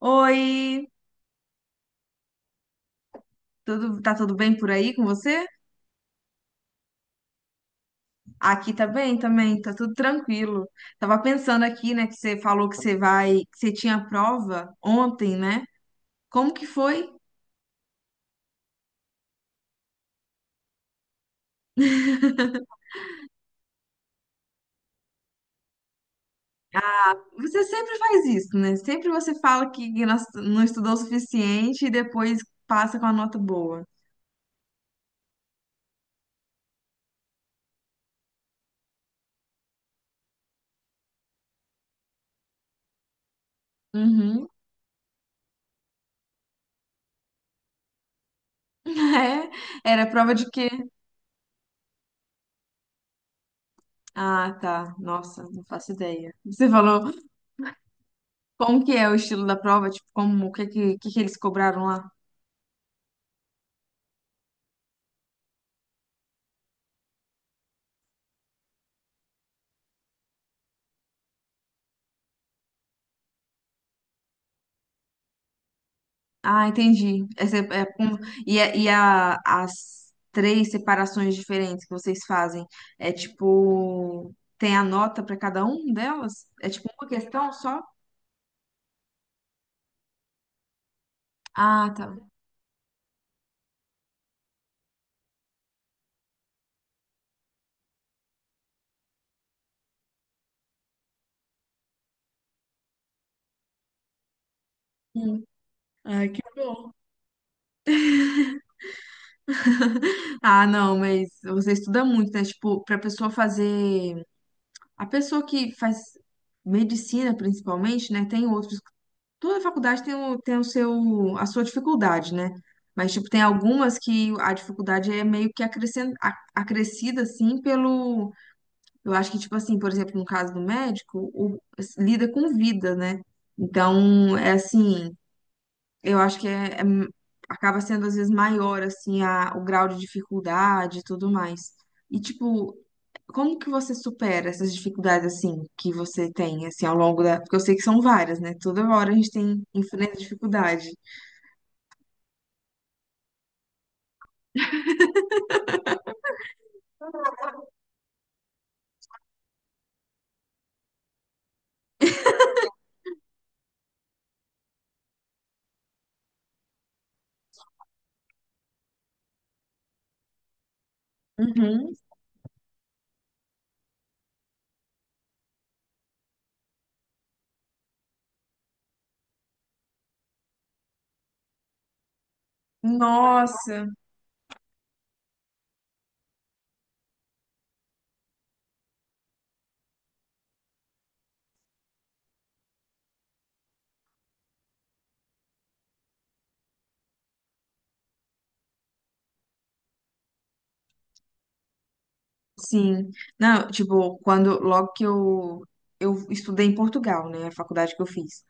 Oi, tudo, tá tudo bem por aí com você? Aqui tá bem também, tá tudo tranquilo. Tava pensando aqui, né, que você falou que você tinha prova ontem, né? Como que foi? Você sempre faz isso, né? Sempre você fala que não estudou o suficiente e depois passa com a nota boa. Uhum. É, era prova de quê? Ah, tá. Nossa, não faço ideia. Você falou como que é o estilo da prova? Tipo, que eles cobraram lá? Ah, entendi. Essa é- é com- As três separações diferentes que vocês fazem, é tipo, tem a nota para cada um delas? É tipo uma questão só? Ah, tá. Hum. Ai, que bom. Ah, não, mas você estuda muito, né? Tipo, a pessoa que faz medicina principalmente, né? Tem outros Toda faculdade a sua dificuldade, né? Mas, tipo, tem algumas que a dificuldade é meio que acrescida, assim, pelo. Eu acho que, tipo assim, por exemplo, no caso do médico, lida com vida, né? Então, é assim, eu acho que acaba sendo, às vezes, maior, assim, o grau de dificuldade e tudo mais. E, tipo, como que você supera essas dificuldades assim que você tem assim ao longo da, porque eu sei que são várias, né? Toda hora a gente tem enfrenta dificuldade. Uhum. Nossa, sim. Não, tipo, quando logo que eu estudei em Portugal, né? A faculdade que eu fiz.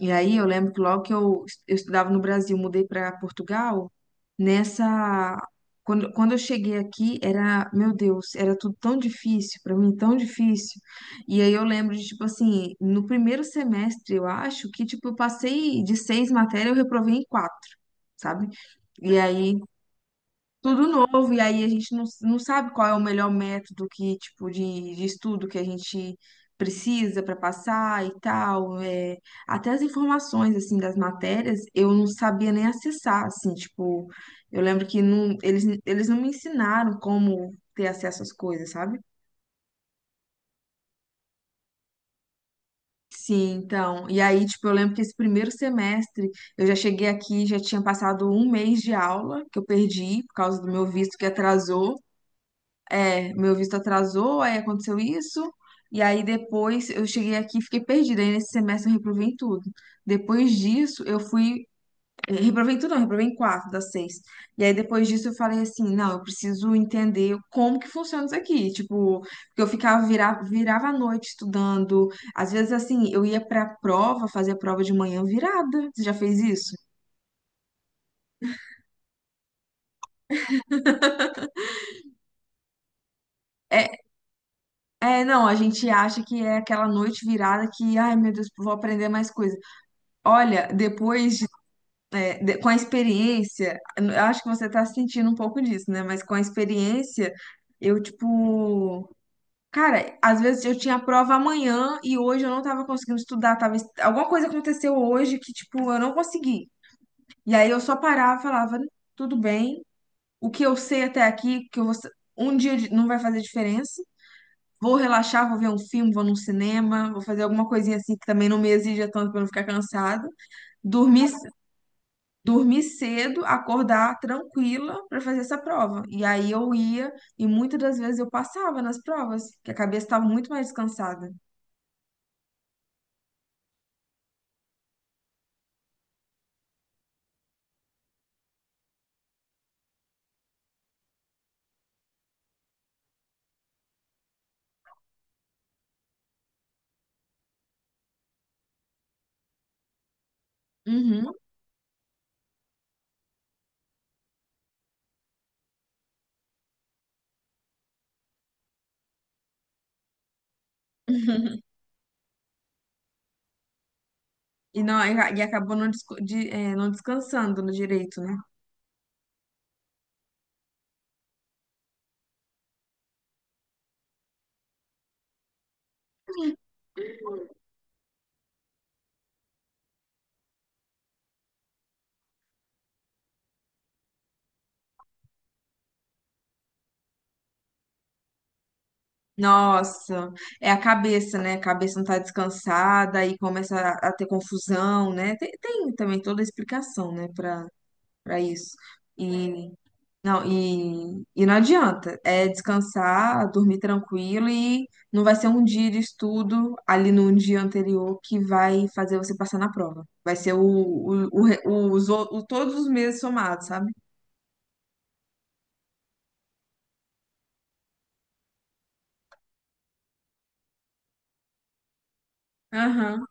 E aí eu lembro que logo que eu estudava no Brasil, mudei para Portugal, nessa. Quando eu cheguei aqui, era, meu Deus, era tudo tão difícil, para mim tão difícil. E aí eu lembro de, tipo assim, no primeiro semestre, eu acho que, tipo, eu passei de seis matérias, eu reprovei em quatro, sabe? E aí tudo novo, e aí a gente não sabe qual é o melhor método que, tipo, de estudo que a gente precisa para passar e tal. É. Até as informações, assim, das matérias, eu não sabia nem acessar, assim, tipo, eu lembro que não, eles não me ensinaram como ter acesso às coisas, sabe? Sim, então, e aí, tipo, eu lembro que esse primeiro semestre eu já cheguei aqui, já tinha passado um mês de aula que eu perdi por causa do meu visto que atrasou. É, meu visto atrasou, aí aconteceu isso, e aí depois eu cheguei aqui e fiquei perdida. Aí nesse semestre eu reprovei em tudo. Depois disso, eu fui. Reprovei em tudo, não, reprovei em quatro das seis. E aí depois disso eu falei assim: não, eu preciso entender como que funciona isso aqui. Tipo, porque eu ficava, virava a noite estudando. Às vezes, assim, eu ia pra prova, fazia prova de manhã virada. Você já fez isso? É, é, não, a gente acha que é aquela noite virada que, ai meu Deus, vou aprender mais coisas. Olha, depois, com a experiência, eu acho que você tá sentindo um pouco disso, né? Mas com a experiência, eu, tipo, cara, às vezes eu tinha prova amanhã e hoje eu não tava conseguindo estudar, alguma coisa aconteceu hoje que, tipo, eu não consegui. E aí eu só parava e falava, tudo bem, o que eu sei até aqui, que eu vou, sa- um dia não vai fazer diferença. Vou relaxar, vou ver um filme, vou num cinema, vou fazer alguma coisinha assim que também não me exija tanto pra eu não ficar cansada. Dormir dormir cedo, acordar tranquila para fazer essa prova. E aí eu ia e muitas das vezes eu passava nas provas, que a cabeça estava muito mais descansada. Uhum. E não, e acabou não descansando no direito, né? Nossa, é a cabeça, né? A cabeça não tá descansada e começa a ter confusão, né? Tem também toda a explicação, né, para isso. E não, e não adianta. É descansar, dormir tranquilo e não vai ser um dia de estudo ali no dia anterior que vai fazer você passar na prova. Vai ser o, re- os, o- todos os meses somados, sabe? Aham,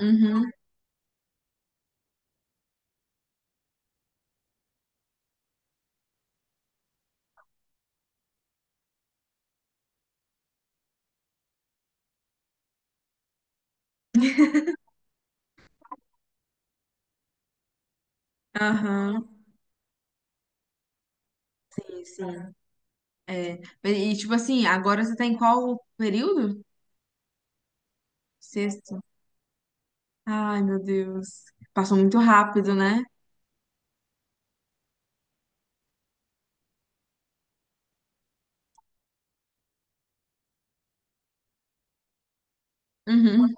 uhum, aham. Sim, sim. É. E tipo assim, agora você tá em qual período? Sexto. Ai, meu Deus. Passou muito rápido, né? Uhum,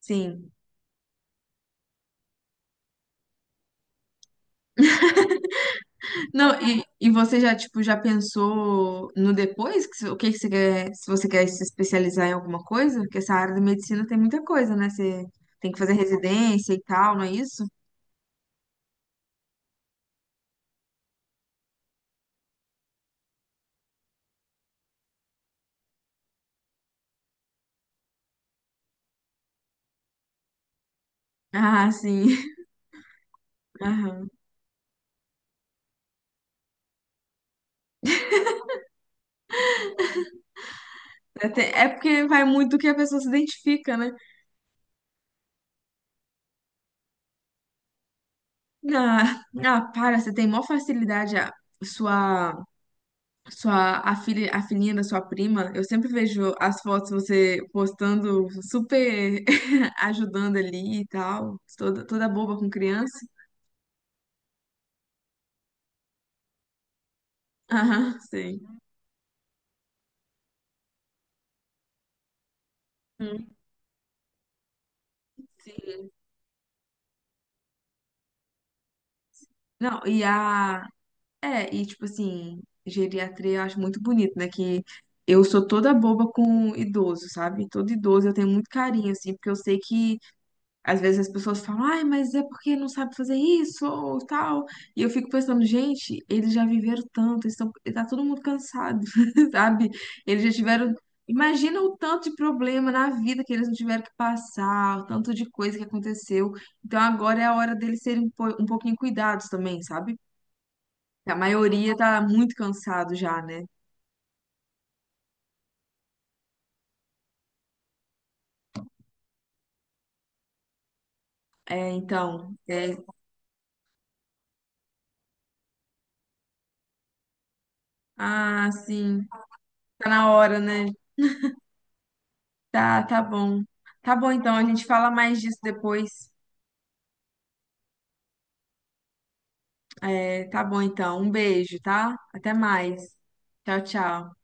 sim. Não, e você já, tipo, já pensou no depois? Que, o que que você quer se especializar em alguma coisa? Porque essa área da medicina tem muita coisa, né? Você tem que fazer residência e tal, não é isso? Ah, sim. Aham. É porque vai muito do que a pessoa se identifica, né? Ah, ah, para, você tem maior facilidade a sua. A filhinha da sua prima, eu sempre vejo as fotos você postando, super ajudando ali e tal, toda, toda boba com criança. Aham, sei. Hum. Sim. Não, e a. É, e tipo assim, geriatria eu acho muito bonito, né? Que eu sou toda boba com idoso, sabe? Todo idoso eu tenho muito carinho, assim, porque eu sei que às vezes as pessoas falam, ai, mas é porque não sabe fazer isso ou tal. E eu fico pensando, gente, eles já viveram tanto, tá todo mundo cansado, sabe? Eles já tiveram. Imagina o tanto de problema na vida que eles não tiveram que passar, o tanto de coisa que aconteceu. Então agora é a hora deles serem um pouquinho cuidados também, sabe? A maioria tá muito cansado já, né? É, então, é. Ah, sim, tá na hora, né? Tá, tá bom. Tá bom, então, a gente fala mais disso depois. É, tá bom então. Um beijo, tá? Até mais. Tchau, tchau.